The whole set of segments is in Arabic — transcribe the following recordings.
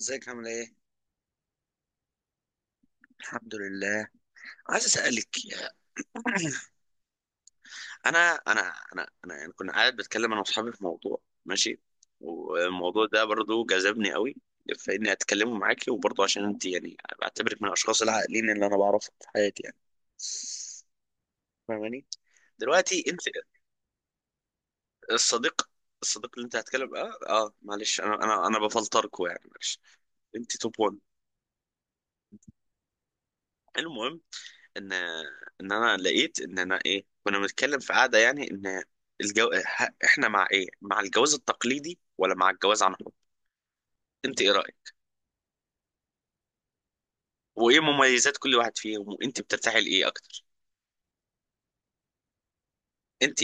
ازيك عامل ايه؟ الحمد لله. عايز اسالك يا- انا انا انا يعني كنا قاعد بتكلم انا واصحابي في موضوع، ماشي. والموضوع ده برضو جذبني قوي، فاني اتكلمه معاكي وبرضو عشان انت يعني بعتبرك من الاشخاص العاقلين اللي انا بعرفهم في حياتي يعني، فاهماني؟ دلوقتي انت الصديق الصديق اللي انت هتكلم، معلش انا بفلتركوا يعني، معلش. انت توب 1. ان ان انا لقيت ان انا ايه، كنا بنتكلم في قعده يعني، ان احنا مع ايه، مع الجواز التقليدي ولا مع الجواز عن حب؟ انت ايه رايك؟ وايه مميزات كل واحد فيهم؟ وانت بترتاحي لايه اكتر؟ انت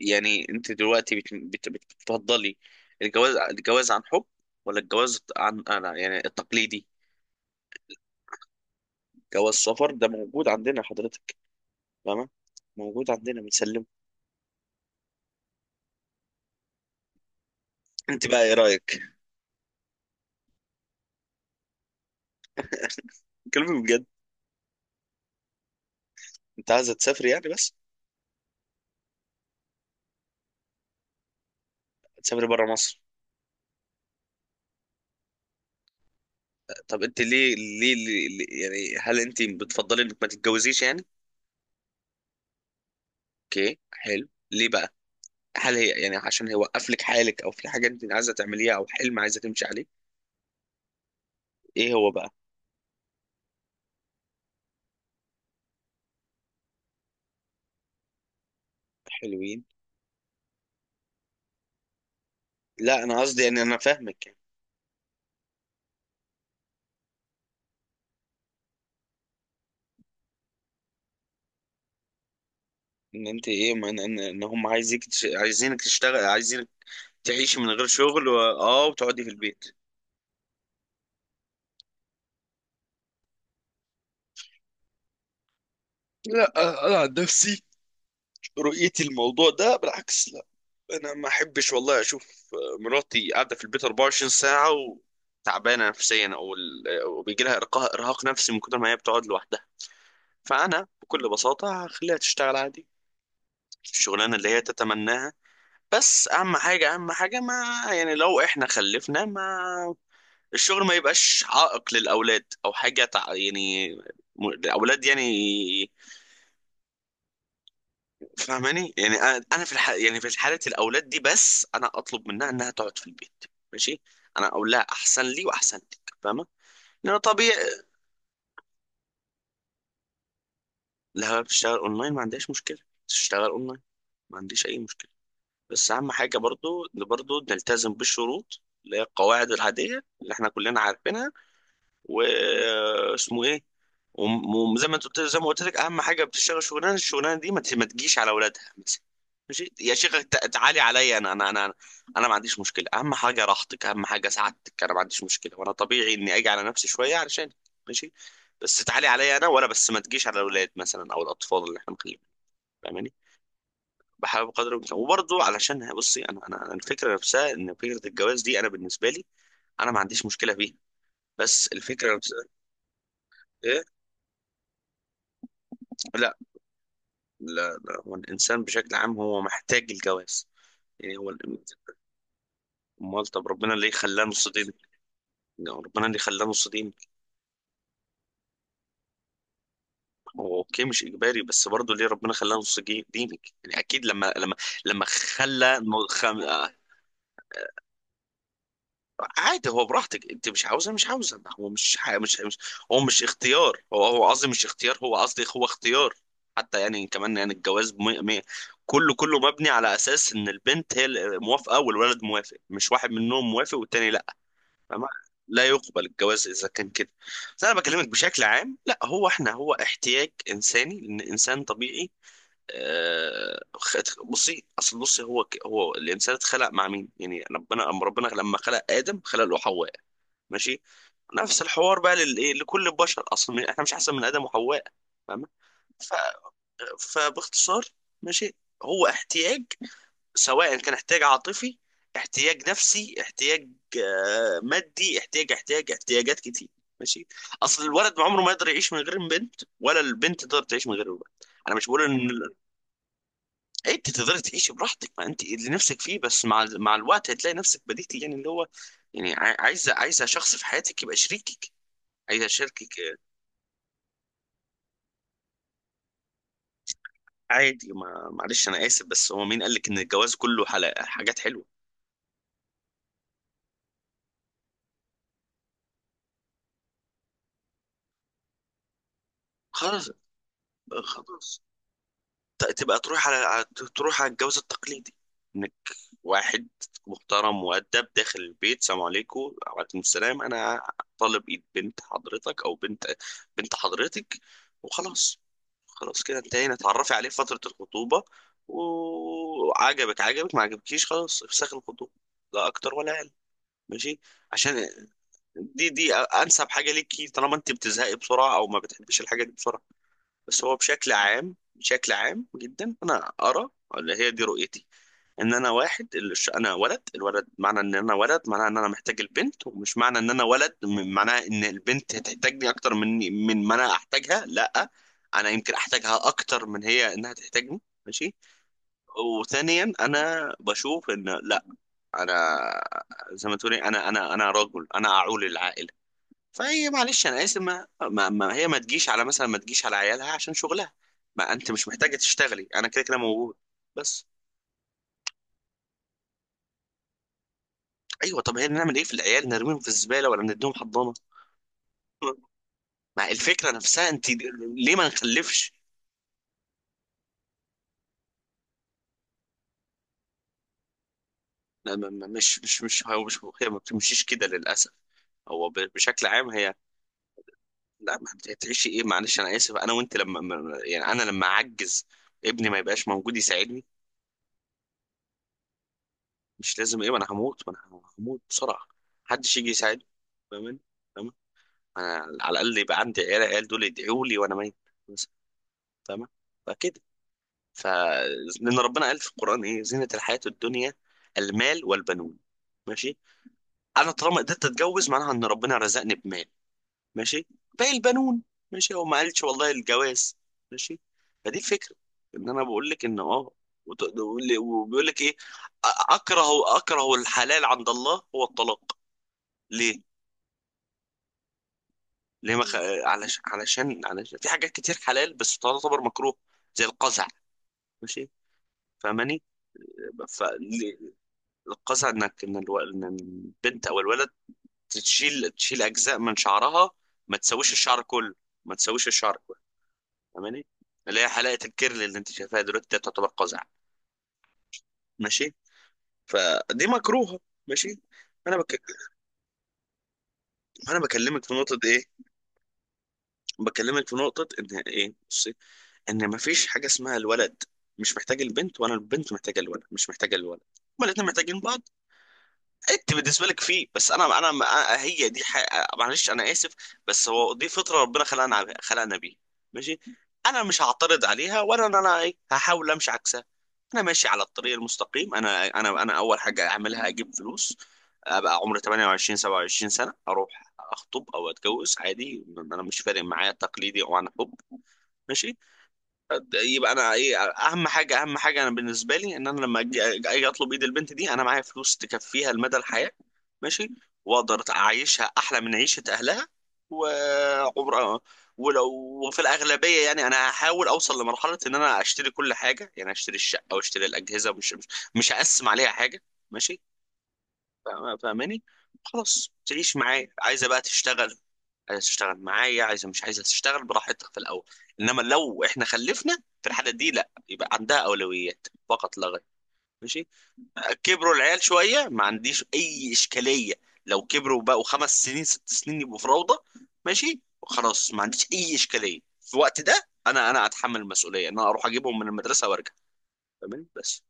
يعني انت دلوقتي بتفضلي الجواز عن حب ولا الجواز عن انا يعني التقليدي؟ جواز سفر ده موجود عندنا حضرتك، فاهمه؟ موجود عندنا بنسلمه. انت بقى ايه رايك؟ كلمي بجد. انت عايزه تسافري يعني بس؟ تسافري بره مصر؟ طب انت يعني هل انت بتفضلي انك ما تتجوزيش يعني؟ اوكي حلو، ليه بقى؟ هل هي يعني عشان هي وقف لك حالك، او في حاجه انت عايزه تعمليها، او حلم عايزه تمشي عليه؟ ايه هو بقى؟ حلوين؟ لا انا قصدي يعني انا فاهمك يعني. ان انت ايه ان هم عايزيك عايزينك تشتغل، عايزينك تعيشي من غير شغل اه وتقعدي في البيت. لا، انا عن نفسي، رؤيتي الموضوع ده بالعكس. انا ما احبش والله اشوف مراتي قاعده في البيت 24 ساعه وتعبانه نفسيا أو بيجي لها ارقاء ارهاق نفسي من كتر ما هي بتقعد لوحدها. فانا بكل بساطه هخليها تشتغل عادي الشغلانه اللي هي تتمناها. بس اهم حاجه ما، يعني لو احنا خلفنا، ما الشغل ما يبقاش عائق للاولاد او حاجه يعني الاولاد يعني، فاهماني؟ يعني انا في يعني في حاله الاولاد دي بس انا اطلب منها انها تقعد في البيت. ماشي. انا اقول لها احسن لي واحسن لك، فاهمه؟ لان طبيعي لو هي بتشتغل اونلاين ما عندهاش مشكله، تشتغل اونلاين، ما عنديش اي مشكله. بس اهم حاجه برضو ان برضو نلتزم بالشروط اللي هي القواعد العاديه اللي احنا كلنا عارفينها. واسمه ايه، وزي ما انت قلت، زي ما قلت لك، اهم حاجه بتشتغل شغلانه الشغلانه دي ما تجيش على اولادها. ماشي يا شيخ، تعالي عليا انا انا ما عنديش مشكله. اهم حاجه راحتك، اهم حاجه سعادتك، انا ما عنديش مشكله، وانا طبيعي اني اجي على نفسي شويه علشان، ماشي، بس تعالي عليا انا، ولا بس ما تجيش على الاولاد مثلا او الاطفال اللي احنا مخليهم، فاهماني؟ بحاول بقدر الامكان وبرضه علشان، بصي انا انا الفكره نفسها ان فكره الجواز دي انا بالنسبه لي، انا ما عنديش مشكله فيها، بس الفكره نفسها ايه، لا، لا، لا، هو الإنسان بشكل عام هو محتاج الجواز. يعني أمال طب ربنا ليه خلاه نص دينك؟ ربنا ليه خلاه نص دينك؟ هو أوكي مش إجباري بس برضه ليه ربنا خلاه نص دينك؟ يعني أكيد لما لما خلى م- خم... آه، عادي هو براحتك، أنت مش عاوزة، هو مش هو مش اختيار، هو هو قصدي مش اختيار، هو قصدي هو اختيار حتى يعني كمان. يعني الجواز مية مية، كله مبني على اساس ان البنت هي اللي موافقه والولد موافق، مش واحد منهم موافق والتاني لا. فما- لا يقبل الجواز اذا كان كده. بس انا بكلمك بشكل عام، لا هو احنا هو احتياج انساني لان انسان طبيعي. آه، خ- بصي اصل بصي هو الانسان اتخلق مع مين يعني؟ ربنا، ربنا لما خلق ادم خلق له حواء، ماشي. نفس الحوار بقى للايه لكل البشر، اصلا احنا مش احسن من ادم وحواء، فاهمة؟ ف... فباختصار، ماشي، هو احتياج، سواء كان احتياج عاطفي، احتياج نفسي، احتياج مادي، احتياج احتياجات كتير، ماشي. اصل الولد عمره ما يقدر يعيش من غير البنت، ولا البنت تقدر تعيش من غير الولد. انا مش بقول ان إيه، انت تقدري تعيشي براحتك ما انت اللي نفسك فيه، بس مع الوقت هتلاقي نفسك بديتي يعني اللي هو يعني عايزه عايزه شخص في حياتك يبقى شريكك، عايزه شريكك آه، عادي. ما معلش انا اسف بس هو مين قال لك ان الجواز كله حلقة حاجات حلوه؟ خلاص، خلاص تبقى تروح على تروح على الجواز التقليدي، انك واحد محترم مؤدب داخل البيت، سلام عليكم، وعليكم السلام، انا طالب ايد بنت حضرتك او بنت، بنت حضرتك، وخلاص، خلاص كده انتهينا، اتعرفي عليه في فترة الخطوبة، وعجبك عجبك، ما عجبكيش خلاص افسخ الخطوبة، لا اكتر ولا اقل، ماشي. عشان دي انسب حاجة ليكي طالما انت بتزهقي بسرعة او ما بتحبيش الحاجة دي بسرعة. بس هو بشكل عام، بشكل عام جدا، انا ارى اللي هي دي رؤيتي. ان انا واحد انا ولد، الولد معنى ان انا ولد معناه ان انا محتاج البنت، ومش معنى ان انا ولد معناه ان البنت هتحتاجني اكتر من، من ما انا احتاجها، لا انا يمكن احتاجها اكتر من هي انها تحتاجني، ماشي. وثانيا انا بشوف ان لا، انا زي ما تقولي انا انا رجل، انا اعول العائله، فهي معلش انا اسف ما هي ما تجيش على مثلا، ما تجيش على عيالها عشان شغلها، ما انت مش محتاجه تشتغلي انا كده كده موجود، بس. ايوه طب هي نعمل ايه في العيال؟ نرميهم في الزباله ولا نديهم حضانه؟ مع الفكره نفسها انت. ليه ما نخلفش؟ لا، مش هو مش هي ما بتمشيش كده للاسف، هو بشكل عام هي لا، ما بت- هتعيشي ايه، معلش انا اسف، انا وانت لما يعني انا لما اعجز، ابني ما يبقاش موجود يساعدني؟ مش لازم ايه، ما انا هموت بسرعه، محدش يجي يساعدني، فاهمني؟ فاهم. انا على الاقل يبقى عندي عيال، العيال دول يدعوا لي وانا ميت مثلا، فاهمه؟ فكده، ف، لان ربنا قال في القران ايه، زينه الحياه الدنيا المال والبنون، ماشي. انا طالما قدرت اتجوز معناها ان ربنا رزقني بمال، ماشي، باقي البنون، ماشي. هو ما قالش والله الجواز، ماشي. فدي الفكره. ان انا بقول لك ان اه، وبيقول لك ايه، أ- اكره الحلال عند الله هو الطلاق. ليه؟ ليه ما خ... علشان في حاجات كتير حلال بس تعتبر مكروه، زي القزع، ماشي، فاهماني؟ فالقزع إن البنت او الولد تشيل اجزاء من شعرها، ما تسويش الشعر كله، ما تسويش الشعر، فاهماني؟ اللي هي حلاقه الكيرل اللي انت شايفاها دلوقتي دي تعتبر قزع، ماشي، فدي مكروهه، ماشي. انا بك... انا بكلمك في نقطه ايه، بكلمك في نقطه ان ايه، بصي، ان مفيش حاجه اسمها الولد مش محتاج البنت، وانا البنت محتاجه الولد، مش محتاجه الولد، هما الاثنين محتاجين بعض. انت بالنسبه لك فيه، بس هي دي معلش انا اسف، بس هو دي فطره ربنا خلقنا خلقنا بيها، ماشي، انا مش هعترض عليها، ولا ان انا ايه هحاول امشي عكسها. انا ماشي على الطريق المستقيم، انا انا اول حاجه اعملها اجيب فلوس، ابقى عمري 28 27 سنه اروح اخطب او اتجوز عادي، انا مش فارق معايا تقليدي او عن حب، ماشي، يبقى انا ايه اهم حاجه، اهم حاجه انا بالنسبه لي، ان انا لما اجي اطلب ايد البنت دي انا معايا فلوس تكفيها لمدى الحياه، ماشي، واقدر اعيشها احلى من عيشه اهلها، وعمر، ولو في الاغلبيه يعني انا هحاول اوصل لمرحله ان انا اشتري كل حاجه، يعني اشتري الشقه واشتري الاجهزه، مش هقسم عليها حاجه، ماشي، فاهماني؟ خلاص تعيش معايا، عايزه بقى تشتغل، عايزه تشتغل معايا، عايزه مش عايزه تشتغل براحتك في الاول، انما لو احنا خلفنا، في الحاله دي لا، يبقى عندها اولويات فقط لا غير، ماشي. كبروا العيال شويه ما عنديش اي اشكاليه، لو كبروا بقوا 5 سنين 6 سنين يبقوا في روضه، ماشي، خلاص ما عنديش اي اشكاليه في الوقت ده، انا اتحمل المسؤوليه ان انا اروح اجيبهم من المدرسه وارجع، تمام، بس.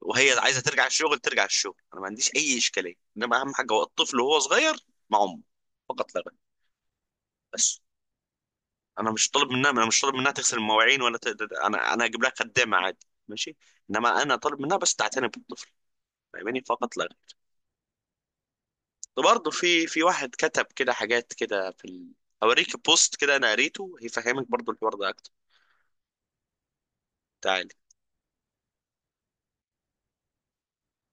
وهي عايزه ترجع الشغل، ترجع الشغل، انا ما عنديش اي اشكاليه، انما اهم حاجه هو الطفل وهو صغير مع امه، فقط لا غير، بس. انا مش طالب منها، انا مش طالب منها تغسل المواعين ولا انا هجيب لها خدامه عادي، ماشي، انما انا طالب منها بس تعتني بالطفل، فاهماني؟ فقط لا غير، برضه في واحد كتب كده حاجات كده اوريك بوست كده انا قريته هيفهمك برضه الحوار ده اكتر. تعالي